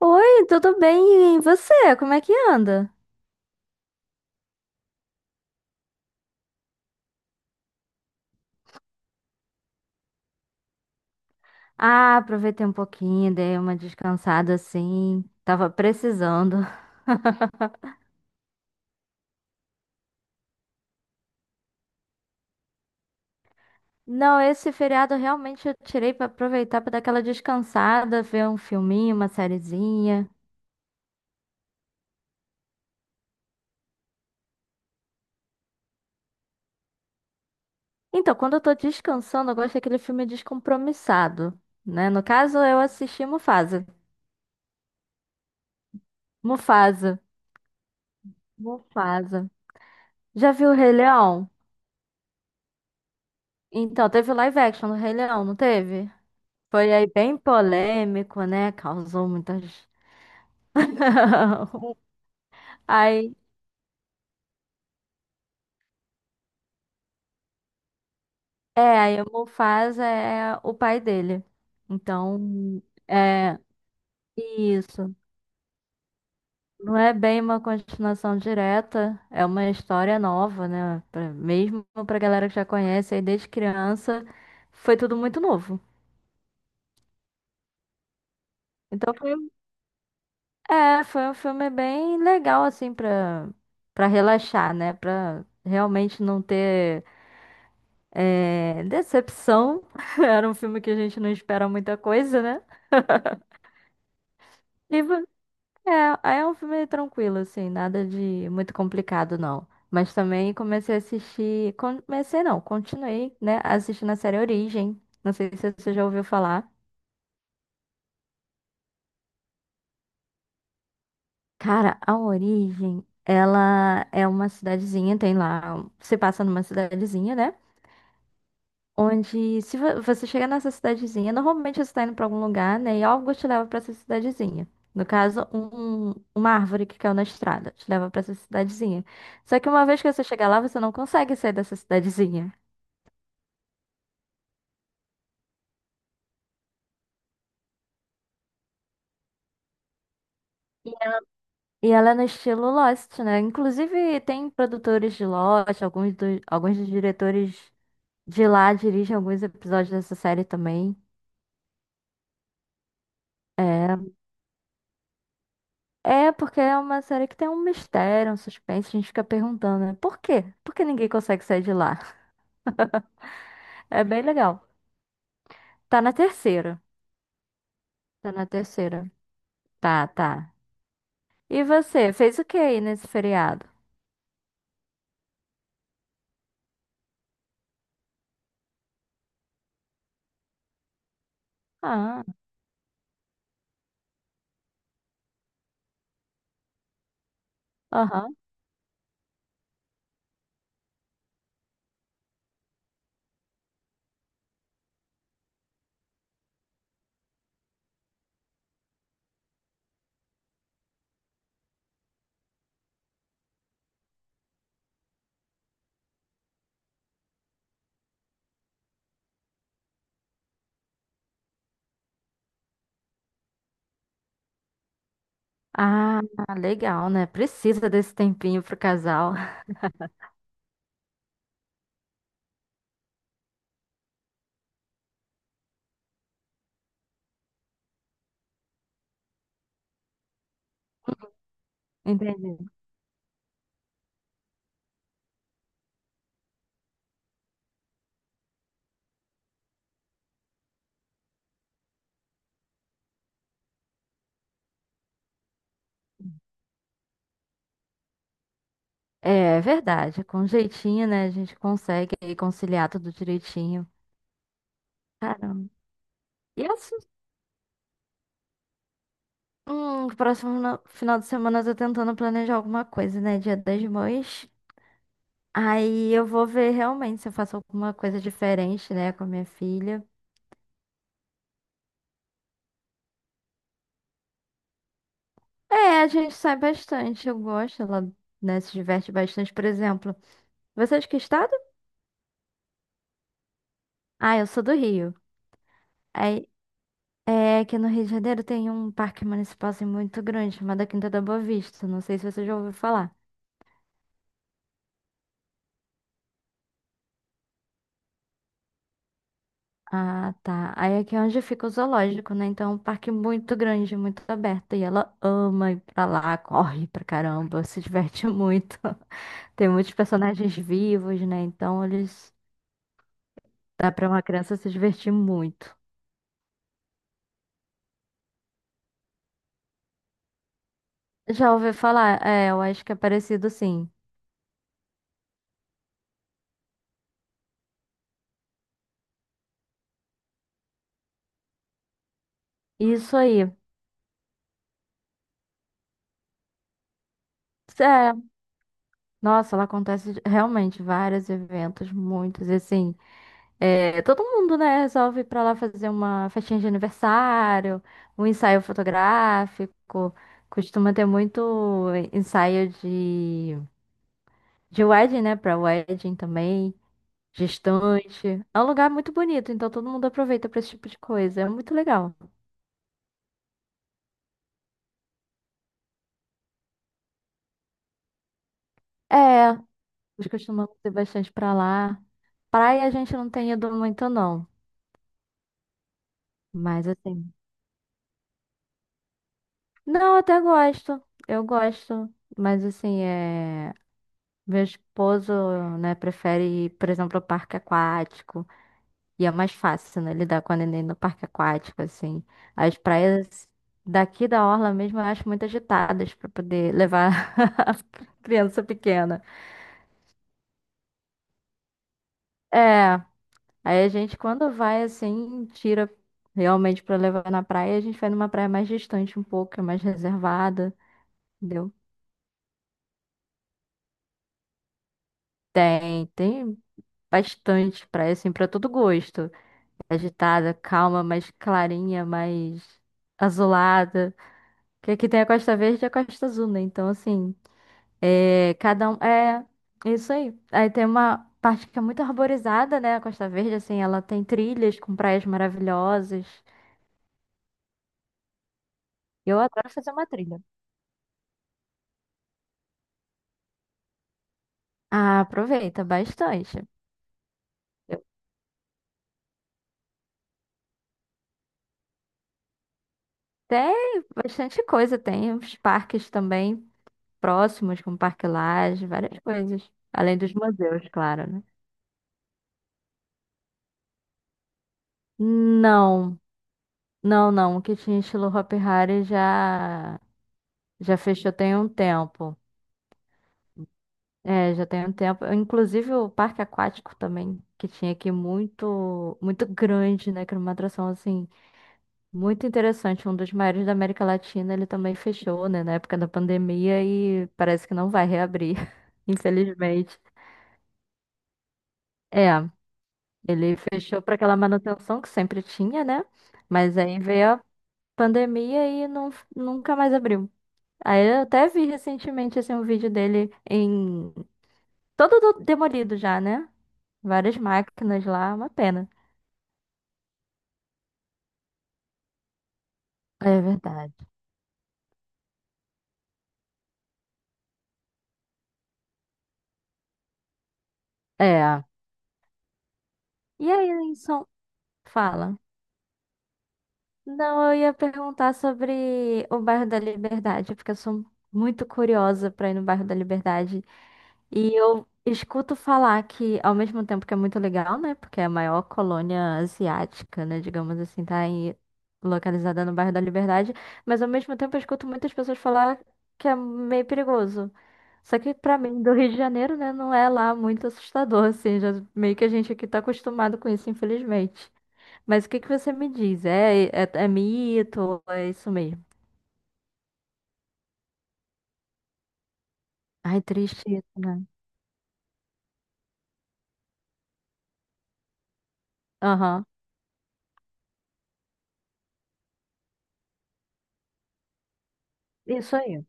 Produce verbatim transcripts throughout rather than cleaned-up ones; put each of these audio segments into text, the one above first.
Oi, tudo bem? E você? Como é que anda? Ah, aproveitei um pouquinho, dei uma descansada assim. Tava precisando. Não, esse feriado realmente eu tirei pra aproveitar pra dar aquela descansada, ver um filminho, uma sériezinha. Então, quando eu tô descansando, eu gosto daquele filme descompromissado, né? No caso, eu assisti Mufasa. Mufasa. Mufasa. Já viu o Rei Leão? Então, teve live action do Rei Leão, não teve? Foi aí bem polêmico, né? Causou muitas. Aí, é, aí o Mufasa é o pai dele. Então, é isso. Não é bem uma continuação direta, é uma história nova, né? Pra- mesmo pra galera que já conhece, aí desde criança, foi tudo muito novo. Então foi, um- é, foi um filme bem legal, assim, pra, pra relaxar, né? Pra realmente não ter. É, Decepção. Era um filme que a gente não espera muita coisa, né? E vo- é, Aí é um filme tranquilo, assim, nada de muito complicado, não. Mas também comecei a assistir. Comecei, não, continuei, né? Assistindo a série Origem. Não sei se você já ouviu falar. Cara, a Origem, ela é uma cidadezinha, tem lá. Se passa numa cidadezinha, né? Onde, se vo- você chega nessa cidadezinha, normalmente você está indo para algum lugar, né? E algo te leva para essa cidadezinha. No caso, um- uma árvore que caiu na estrada te leva para essa cidadezinha. Só que uma vez que você chegar lá, você não consegue sair dessa cidadezinha. E ela é no estilo Lost, né? Inclusive, tem produtores de Lost, alguns, do- alguns dos diretores de lá dirigem alguns episódios dessa série também. É, é porque é uma série que tem um mistério, um suspense, a gente fica perguntando, né? Por quê? Por que ninguém consegue sair de lá? É bem legal. Tá na terceira. Tá na terceira. Tá, tá. E você, fez o que aí nesse feriado? Ah, aham. Ah, legal, né? Precisa desse tempinho pro casal. Entendi. É, é verdade. Com jeitinho, né? A gente consegue aí conciliar tudo direitinho. Caramba. E assim, hum, próximo no- final de semana eu tô tentando planejar alguma coisa, né? Dia das Mães. Aí eu vou ver realmente se eu faço alguma coisa diferente, né, com a minha filha. É, a gente sai bastante. Eu gosto, ela, né, se diverte bastante. Por exemplo, você é de que é estado? Ah, eu sou do Rio. Aí, é que no Rio de Janeiro tem um parque municipal assim, muito grande, chamado Quinta da Boa Vista. Não sei se você já ouviu falar. Ah, tá. Aí aqui é onde fica o zoológico, né? Então, é um parque muito grande, muito aberto. E ela ama ir pra lá, corre pra caramba, se diverte muito. Tem muitos personagens vivos, né? Então, eles. Dá pra uma criança se divertir muito. Já ouvi falar, é, eu acho que é parecido sim. Isso aí. É, nossa, lá acontece realmente vários eventos, muitos, e assim, é, todo mundo, né, resolve ir pra lá fazer uma festinha de aniversário, um ensaio fotográfico, costuma ter muito ensaio de, de wedding, né, pra wedding também, gestante. É um lugar muito bonito, então todo mundo aproveita pra esse tipo de coisa, é muito legal. É, nós costumamos ir bastante pra lá. Praia a gente não tem ido muito, não. Mas assim. Não, eu até gosto. Eu gosto. Mas assim, é. Meu esposo, né, prefere ir, por exemplo, ao parque aquático. E é mais fácil, né, lidar com a neném no parque aquático, assim. As praias daqui da Orla mesmo eu acho muito agitadas pra poder levar a criança pequena. É. Aí a gente, quando vai assim, tira realmente pra levar na praia, a gente vai numa praia mais distante um pouco, que é mais reservada, entendeu? Tem, tem bastante praia, assim, pra todo gosto. Agitada, calma, mais clarinha, mais azulada. Que aqui tem a Costa Verde e a Costa Azul, né? Então, assim, é, cada um. É, é isso aí. Aí tem uma parte que é muito arborizada, né? A Costa Verde, assim, ela tem trilhas com praias maravilhosas. Eu adoro fazer uma trilha. Ah, aproveita bastante. Eu- Tem bastante coisa, tem uns parques também próximos, como Parque Lage, várias coisas. Além dos museus, claro, né? Não, não, não. O que tinha estilo Hopi Hari já, já fechou tem um tempo. É, já tem um tempo. Inclusive o parque aquático também, que tinha aqui muito, muito grande, né? Que era uma atração assim. Muito interessante, um dos maiores da América Latina, ele também fechou, né, na época da pandemia e parece que não vai reabrir, infelizmente. É, ele fechou para aquela manutenção que sempre tinha, né? Mas aí veio a pandemia e não, nunca mais abriu. Aí eu até vi recentemente assim, um vídeo dele em todo do- demolido já, né? Várias máquinas lá, uma pena. É verdade. É. E aí, Linson, fala. Não, eu ia perguntar sobre o bairro da Liberdade, porque eu sou muito curiosa para ir no bairro da Liberdade. E eu escuto falar que, ao mesmo tempo que é muito legal, né? Porque é a maior colônia asiática, né? Digamos assim, tá aí localizada no bairro da Liberdade. Mas ao mesmo tempo eu escuto muitas pessoas falar que é meio perigoso. Só que pra mim, do Rio de Janeiro, né, não é lá muito assustador, assim, já meio que a gente aqui tá acostumado com isso, infelizmente. Mas o que que você me diz? É, é, é mito? É isso mesmo? Ai, triste isso, né? Aham. Isso aí.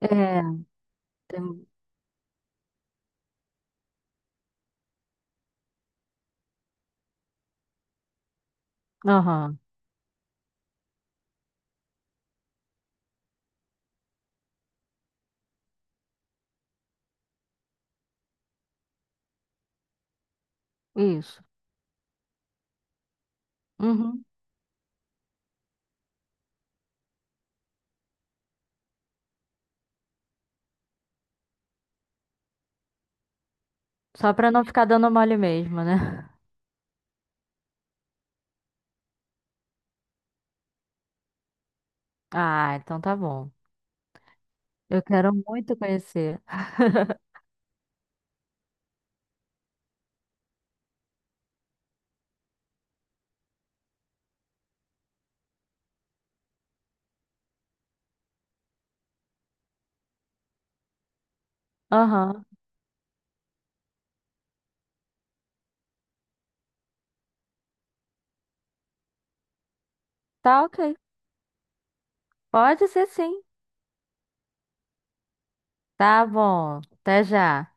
É. tem- Aham. Isso. Uhum. Só pra não ficar dando mole mesmo, né? Ah, então tá bom. Eu quero muito conhecer. Aham. Tá ok. Pode ser sim. Tá bom. Até já.